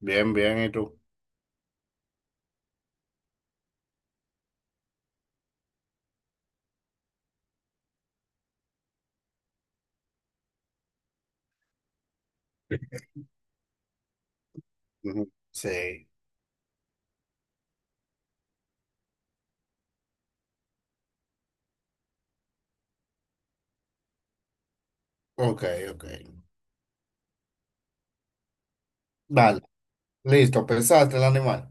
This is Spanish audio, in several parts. Bien, bien, ¿y tú? Ujú. Sí, ok, ok. Vale, listo, pensaste el animal.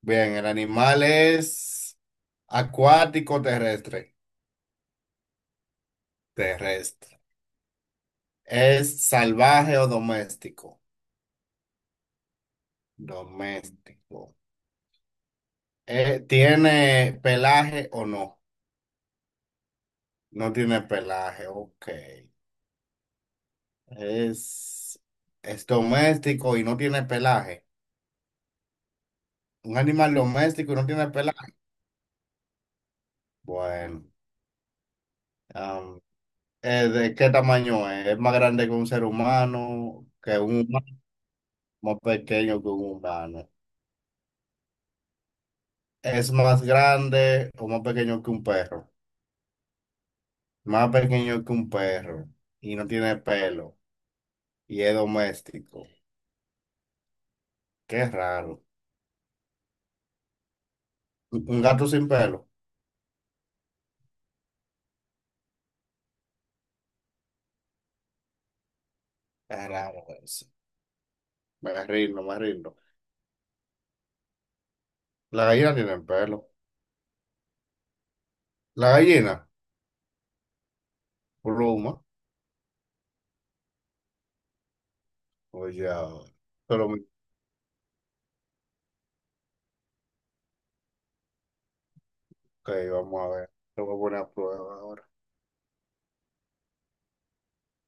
Bien, el animal es acuático terrestre. Terrestre. ¿Es salvaje o doméstico? Doméstico. ¿Tiene pelaje o no? No tiene pelaje, ok. Es, es doméstico y no tiene pelaje. Un animal doméstico y no tiene pelaje. Bueno. ¿De qué tamaño es? ¿Es más grande que un ser humano, que un humano, más pequeño que un humano? ¿Es más grande o más pequeño que un perro? Más pequeño que un perro y no tiene pelo y es doméstico. Qué raro. ¿Un gato sin pelo? Es raro eso. Me rindo, me rindo. La gallina tiene pelo. La gallina, pluma. Oye, ahora. Pero, ok, vamos a ver. Lo voy a poner a prueba ahora.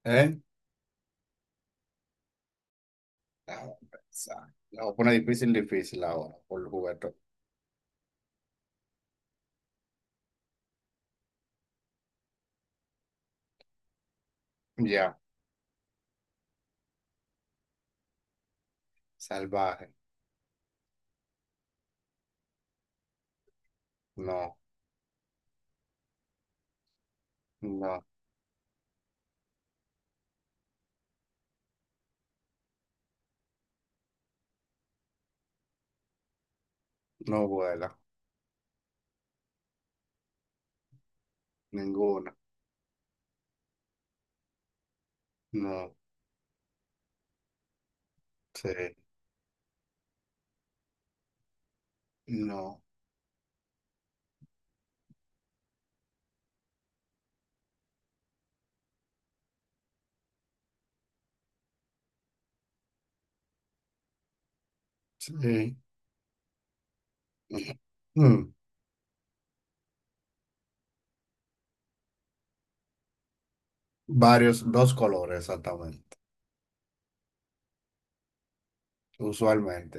¿Eh? Ah, esa. La voy a poner difícil, difícil ahora, por el juguete. Ya, salvaje. No, no, no vuela. Ninguna. No, sí, no, sí. Mm, varios, dos colores exactamente. Usualmente.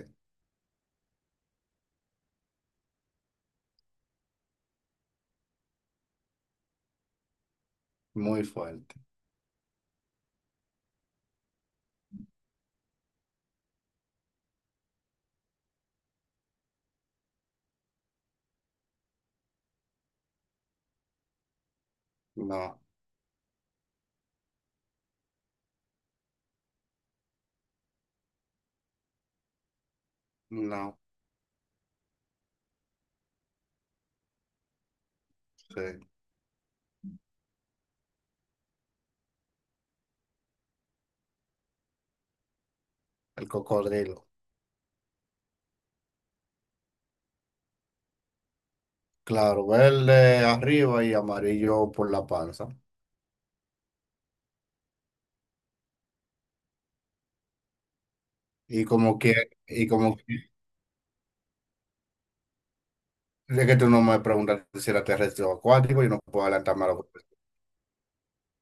Muy fuerte. No, no, sí. El cocodrilo. Claro, verde arriba y amarillo por la panza. Y como que, y como que, es que tú no me preguntas si era terrestre o acuático, y no puedo adelantarme a lo que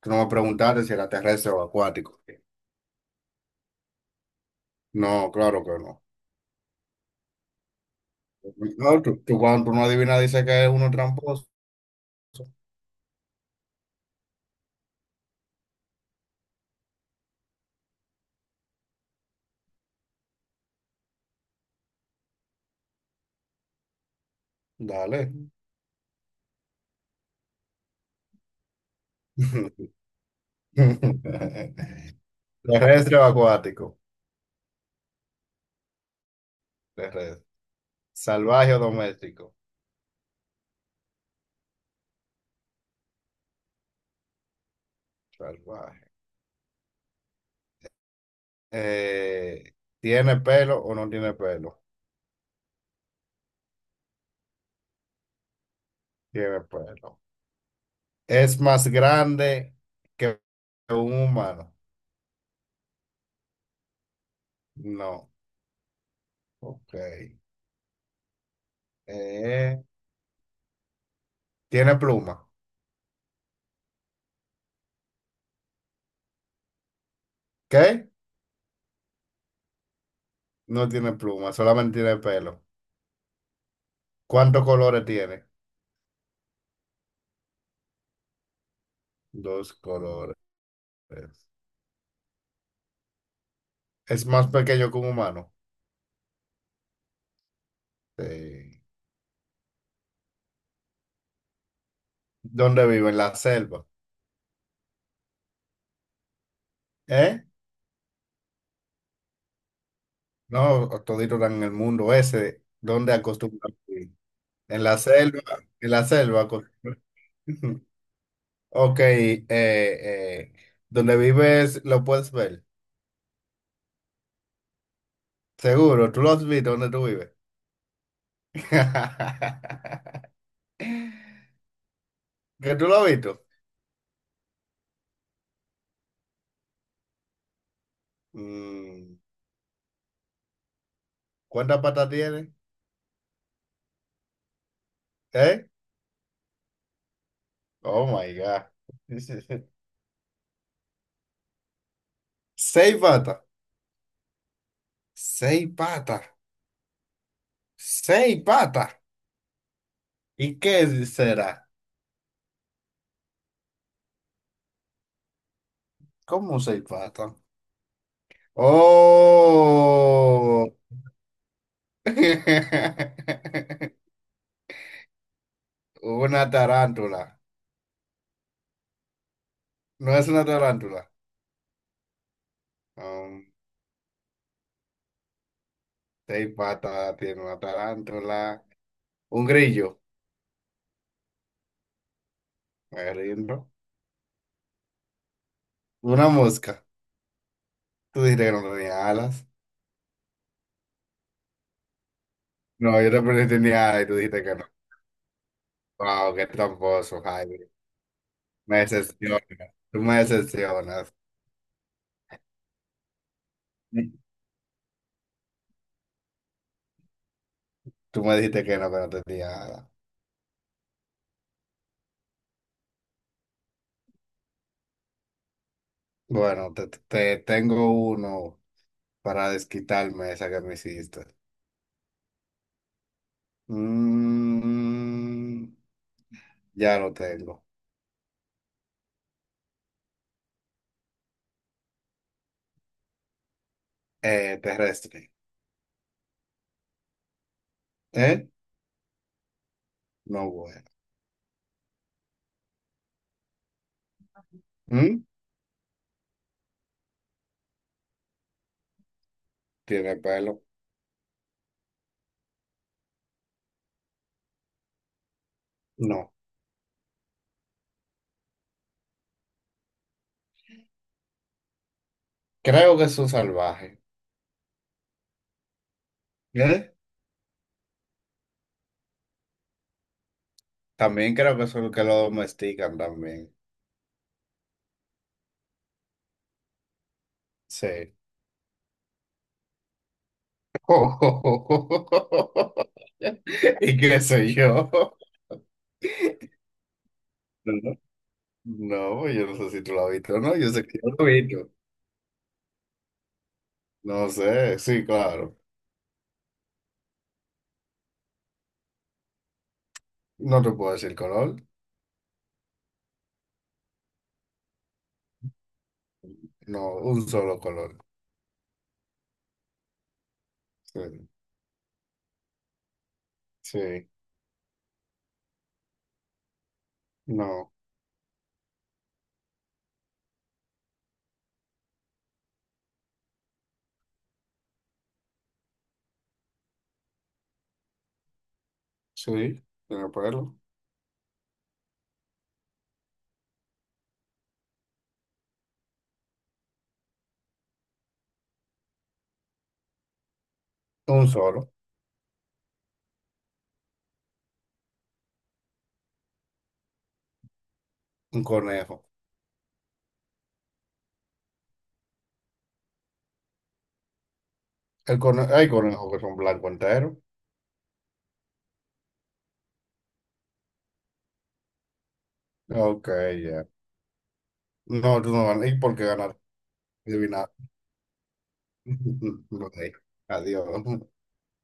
Tú no me preguntaste si era terrestre o acuático. No, claro que no. No, tú cuando tú no adivinas dices que es uno tramposo. Dale. Terrestre o acuático. Terrestre. Salvaje o doméstico. Salvaje. Eh, ¿Tiene pelo o no tiene pelo? Tiene pelo. ¿Es más grande que un humano? No. Ok. Eh, ¿Tiene pluma? ¿Qué? No tiene pluma, solamente tiene pelo. ¿Cuántos colores tiene? Dos colores. Es más pequeño que un humano. Sí. ¿Dónde vive? En la selva. ¿Eh? No, todito están en el mundo ese. ¿Dónde acostumbran vivir? En la selva. En la selva acostumbran. Ok. ¿Dónde vives? Lo puedes ver. Seguro. ¿Tú lo has visto? ¿Dónde tú vives? ¿Que tú lo has visto? Mm, ¿cuántas patas tiene? ¿Eh? Oh my God. Seis patas. Seis patas. Seis patas. ¿Y qué será? ¿Cómo seis patas? Oh. Una tarántula. No es una tarántula. Um, seis patas tiene una tarántula. Un grillo. Me rindo. Una mosca. Tú dijiste que no tenía alas. No, yo te pregunté si tenía alas y tú dijiste que no. Wow, qué tramposo, Jaime. Me decepcionas. Tú me decepcionas. Tú me dijiste que no te tenía nada. Bueno, te tengo uno para desquitarme esa que me hiciste. Mm, ya lo tengo. Terrestre. ¿Eh? No bueno. ¿Mm? ¿Tiene pelo? No. Creo que es un salvaje. ¿Eh? También creo que son los que lo domestican también. Sí. ¿Y qué sé yo? No, no, yo no sé si tú lo has visto o no, yo sé que yo lo he visto. No sé, sí, claro. No te puedo decir color, no, un solo color. Sí, sí, no, sí, tiene pelo. Un solo, un conejo. El cone hay conejos que son blanco entero. Ok, ya. No, tú no ganas. ¿Y por qué ganar? Adivinar. Ok, adiós.